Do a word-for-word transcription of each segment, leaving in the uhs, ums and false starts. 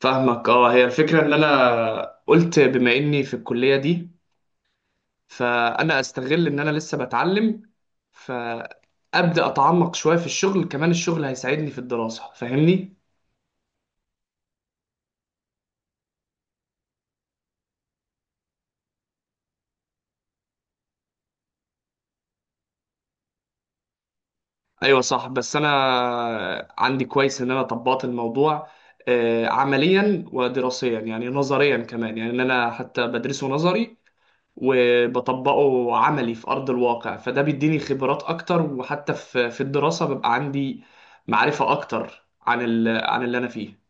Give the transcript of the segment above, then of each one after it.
فاهمك. اه هي الفكرة ان انا قلت بما اني في الكلية دي، فانا استغل ان انا لسه بتعلم، فابدا اتعمق شوية في الشغل. كمان الشغل هيساعدني في الدراسة، فاهمني؟ ايوه صح، بس انا عندي كويس ان انا طبقت الموضوع، آه، عمليا ودراسيا، يعني نظريا كمان، يعني ان انا حتى بدرسه نظري وبطبقه عملي في أرض الواقع، فده بيديني خبرات أكتر، وحتى في في الدراسة ببقى عندي معرفة أكتر عن ال- عن اللي أنا فيه.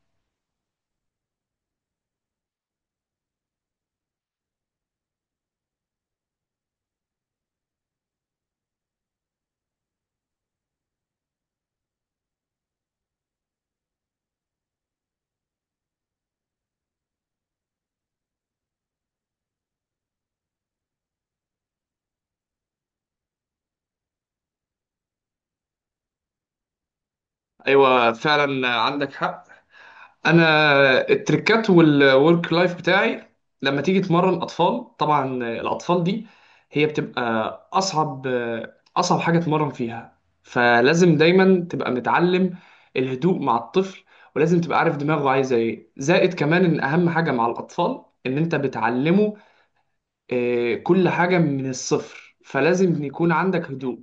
أيوة فعلا عندك حق. انا التريكات والورك لايف بتاعي لما تيجي تمرن اطفال، طبعا الاطفال دي هي بتبقى اصعب اصعب حاجه تمرن فيها، فلازم دايما تبقى متعلم الهدوء مع الطفل، ولازم تبقى عارف دماغه عايزه ايه، زائد كمان ان اهم حاجه مع الاطفال ان انت بتعلمه آه، كل حاجه من الصفر، فلازم يكون عندك هدوء.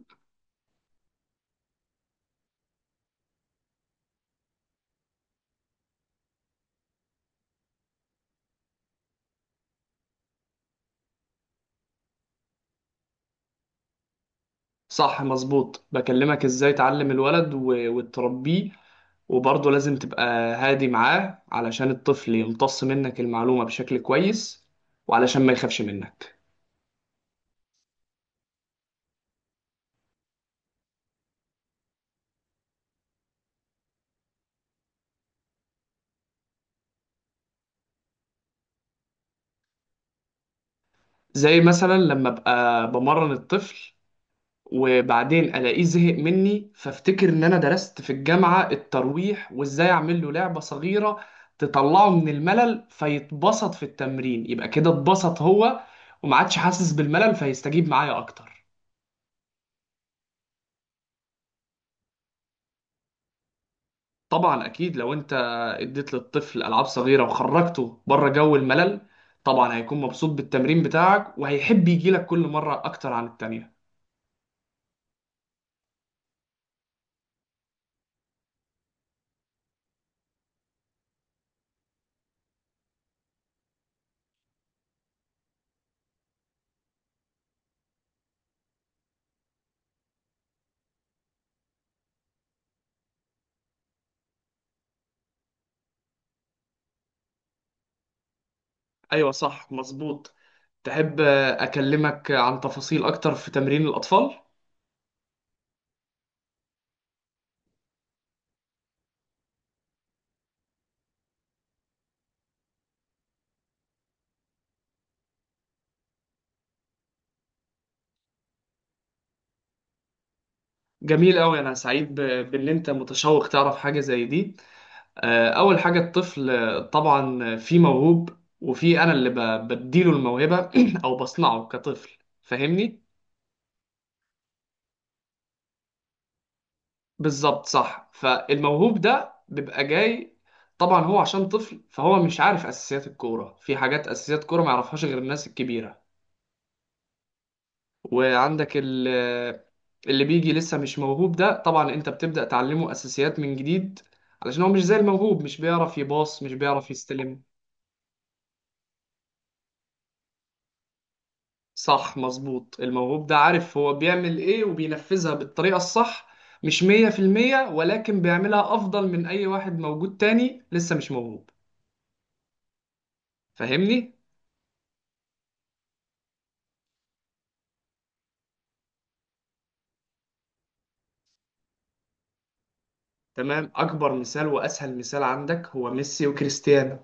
صح مظبوط. بكلمك ازاي تعلم الولد و- وتربيه، وبرضه لازم تبقى هادي معاه علشان الطفل يمتص منك المعلومة بشكل كويس، وعلشان ما يخافش منك. زي مثلا لما ابقى بمرن الطفل وبعدين الاقيه زهق مني، فافتكر ان انا درست في الجامعة الترويح، وازاي اعمل له لعبة صغيرة تطلعه من الملل فيتبسط في التمرين، يبقى كده اتبسط هو وما عادش حاسس بالملل فيستجيب معايا اكتر. طبعا اكيد لو انت اديت للطفل العاب صغيره وخرجته بره جو الملل طبعا هيكون مبسوط بالتمرين بتاعك، وهيحب يجي لك كل مره اكتر عن التانية. ايوه صح مظبوط. تحب اكلمك عن تفاصيل اكتر في تمرين الاطفال؟ جميل قوي، انا سعيد ب- بان انت متشوق تعرف حاجه زي دي. آه، اول حاجه الطفل، آه، طبعا في موهوب وفي انا اللي ب- بديله الموهبه او بصنعه كطفل، فاهمني؟ بالظبط صح. فالموهوب ده بيبقى جاي، طبعا هو عشان طفل فهو مش عارف اساسيات الكوره، في حاجات اساسيات كوره ما يعرفهاش غير الناس الكبيره. وعندك ال- اللي بيجي لسه مش موهوب ده طبعا انت بتبدا تعلمه اساسيات من جديد، علشان هو مش زي الموهوب، مش بيعرف يباص، مش بيعرف يستلم. صح مظبوط. الموهوب ده عارف هو بيعمل ايه وبينفذها بالطريقه الصح، مش مية في المية، ولكن بيعملها افضل من اي واحد موجود تاني لسه مش موهوب، فاهمني؟ تمام، اكبر مثال واسهل مثال عندك هو ميسي وكريستيانو.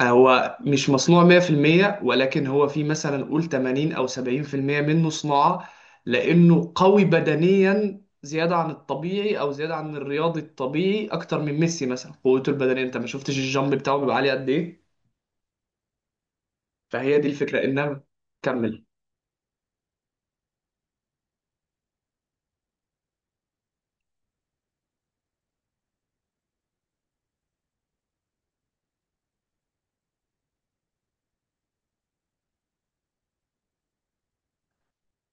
آه، هو مش مصنوع مية في المية، ولكن هو في مثلا قول تمانين او سبعين في المية منه صناعة، لانه قوي بدنيا زيادة عن الطبيعي، او زيادة عن الرياضي الطبيعي اكتر من ميسي. مثلا قوته البدنية، انت ما شفتش الجامب بتاعه بيبقى عالي قد ايه؟ فهي دي الفكرة انها، كمل.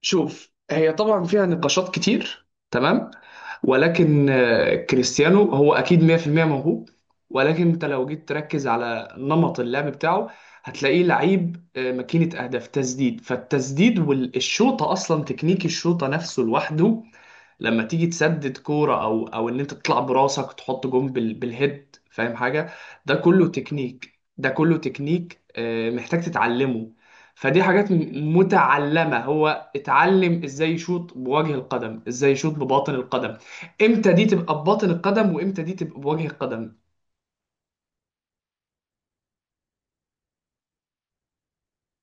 شوف، هي طبعا فيها نقاشات كتير، تمام؟ ولكن آه، كريستيانو هو اكيد مية في المية موهوب، ولكن انت لو جيت تركز على نمط اللعب بتاعه هتلاقيه لعيب آه، ماكينة اهداف تسديد، فالتسديد والشوطة، اصلا تكنيك الشوطة نفسه لوحده لما تيجي تسدد كوره، او او ان انت تطلع براسك وتحط جون بال بالهيد، فاهم حاجه؟ ده كله تكنيك، ده كله تكنيك آه، محتاج تتعلمه. فدي حاجات م- متعلمه. هو اتعلم ازاي يشوط بوجه القدم، ازاي يشوط بباطن القدم، امتى دي تبقى بباطن القدم وامتى دي تبقى بوجه القدم.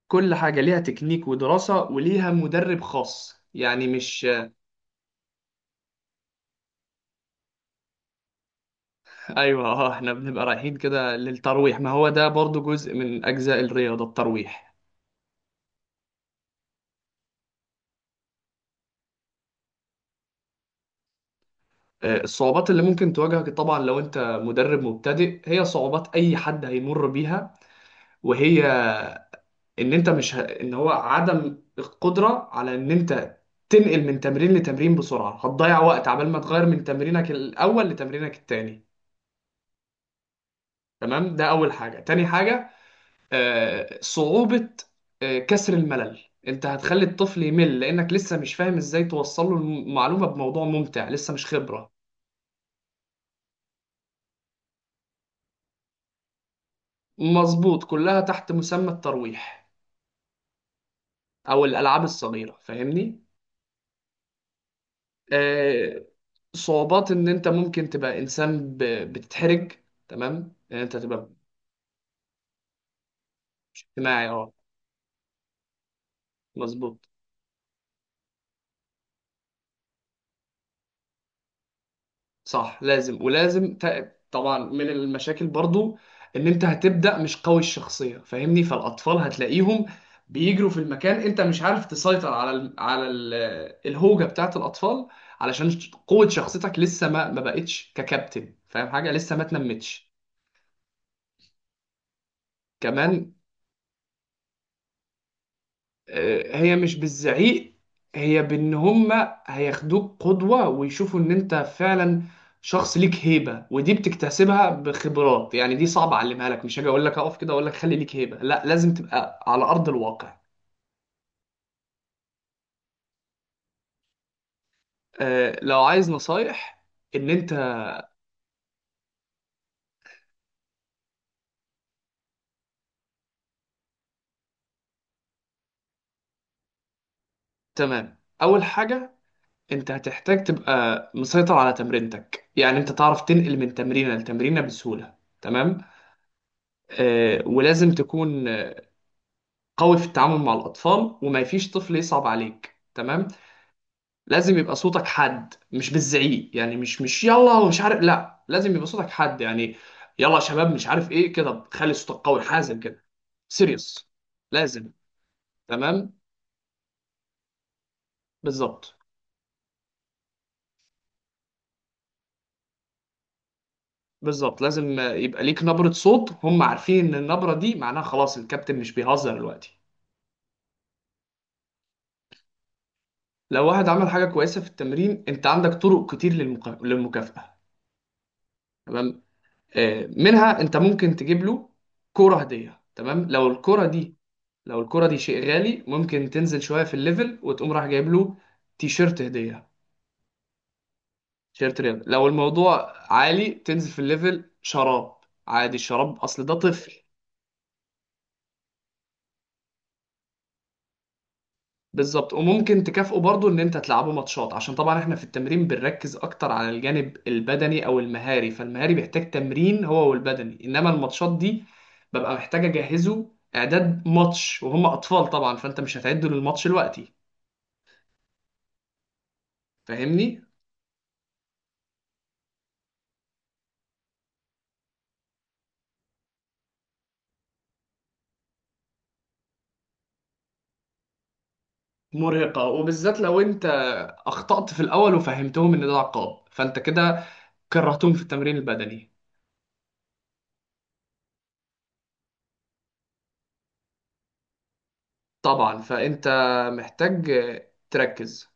كل حاجه ليها تكنيك ودراسه، وليها مدرب خاص، يعني مش آه، ايوه. اه احنا بنبقى رايحين كده للترويح، ما هو ده برضو جزء من اجزاء الرياضه الترويح. آه، الصعوبات اللي ممكن تواجهك طبعا لو انت مدرب مبتدئ هي صعوبات اي حد هيمر بيها، وهي ان انت مش ه... ان هو عدم القدرة على ان انت تنقل من تمرين لتمرين بسرعة. هتضيع وقت عبال ما تغير من تمرينك الاول لتمرينك التاني، تمام؟ ده اول حاجة. تاني حاجة آه، صعوبة آه، كسر الملل. انت هتخلي الطفل يمل لانك لسه مش فاهم ازاي توصل له المعلومة بموضوع ممتع، لسه مش خبرة. مظبوط، كلها تحت مسمى الترويح او الالعاب الصغيره، فاهمني؟ آه، صعوبات ان انت ممكن تبقى انسان ب- بتتحرج، تمام؟ ان انت تبقى اجتماعي، اه مظبوط. صح لازم، ولازم ت- طبعا من المشاكل برضو ان انت هتبدا مش قوي الشخصيه، فاهمني؟ فالاطفال هتلاقيهم بيجروا في المكان، انت مش عارف تسيطر على ال على ال الهوجه بتاعت الاطفال، علشان قوه شخصيتك لسه ما ما بقتش ككابتن، فاهم حاجه؟ لسه ما اتنمتش. كمان آه، هي مش بالزعيق، هي بان هما هياخدوك قدوة، ويشوفوا ان انت فعلا شخص ليك هيبة. ودي بتكتسبها بخبرات، يعني دي صعب اعلمها لك، مش هاجي اقول لك اقف كده، اقول لك خلي ليك هيبة، لا، لازم تبقى على ارض الواقع. آه، لو عايز نصايح ان انت، تمام اول حاجة انت هتحتاج تبقى مسيطر على تمرينتك، يعني انت تعرف تنقل من تمرينة لتمرينة بسهولة، تمام؟ آه، ولازم تكون قوي في التعامل مع الأطفال، وما فيش طفل يصعب عليك، تمام؟ لازم يبقى صوتك حد، مش بالزعيق، يعني مش مش يلا ومش عارف، لا، لازم يبقى صوتك حد، يعني يلا يا شباب، مش عارف ايه كده، خلي صوتك قوي حازم كده، سيريس. لازم، تمام، بالظبط. بالظبط، لازم يبقى ليك نبرة صوت، هم عارفين ان النبرة دي معناها خلاص الكابتن مش بيهزر دلوقتي. لو واحد عمل حاجة كويسة في التمرين انت عندك طرق كتير للمكا- للمكافأة، تمام؟ آه، منها انت ممكن تجيب له كوره هديه، تمام. لو الكوره دي لو الكوره دي شيء غالي ممكن تنزل شويه في الليفل وتقوم راح جايب له تيشيرت هديه، تيشيرت رياضه. لو الموضوع عالي تنزل في الليفل شراب، عادي الشراب اصل ده طفل. بالظبط، وممكن تكافئه برضو ان انت تلعبه ماتشات، عشان طبعا احنا في التمرين بنركز اكتر على الجانب البدني او المهاري، فالمهاري بيحتاج تمرين هو والبدني، انما الماتشات دي ببقى محتاج اجهزه اعداد ماتش، وهم اطفال طبعا فانت مش هتعده للماتش دلوقتي، فاهمني؟ مرهقة، وبالذات لو انت اخطأت في الاول وفهمتهم ان ده عقاب، فانت كده كرهتهم في التمرين البدني. طبعا فانت محتاج تركز.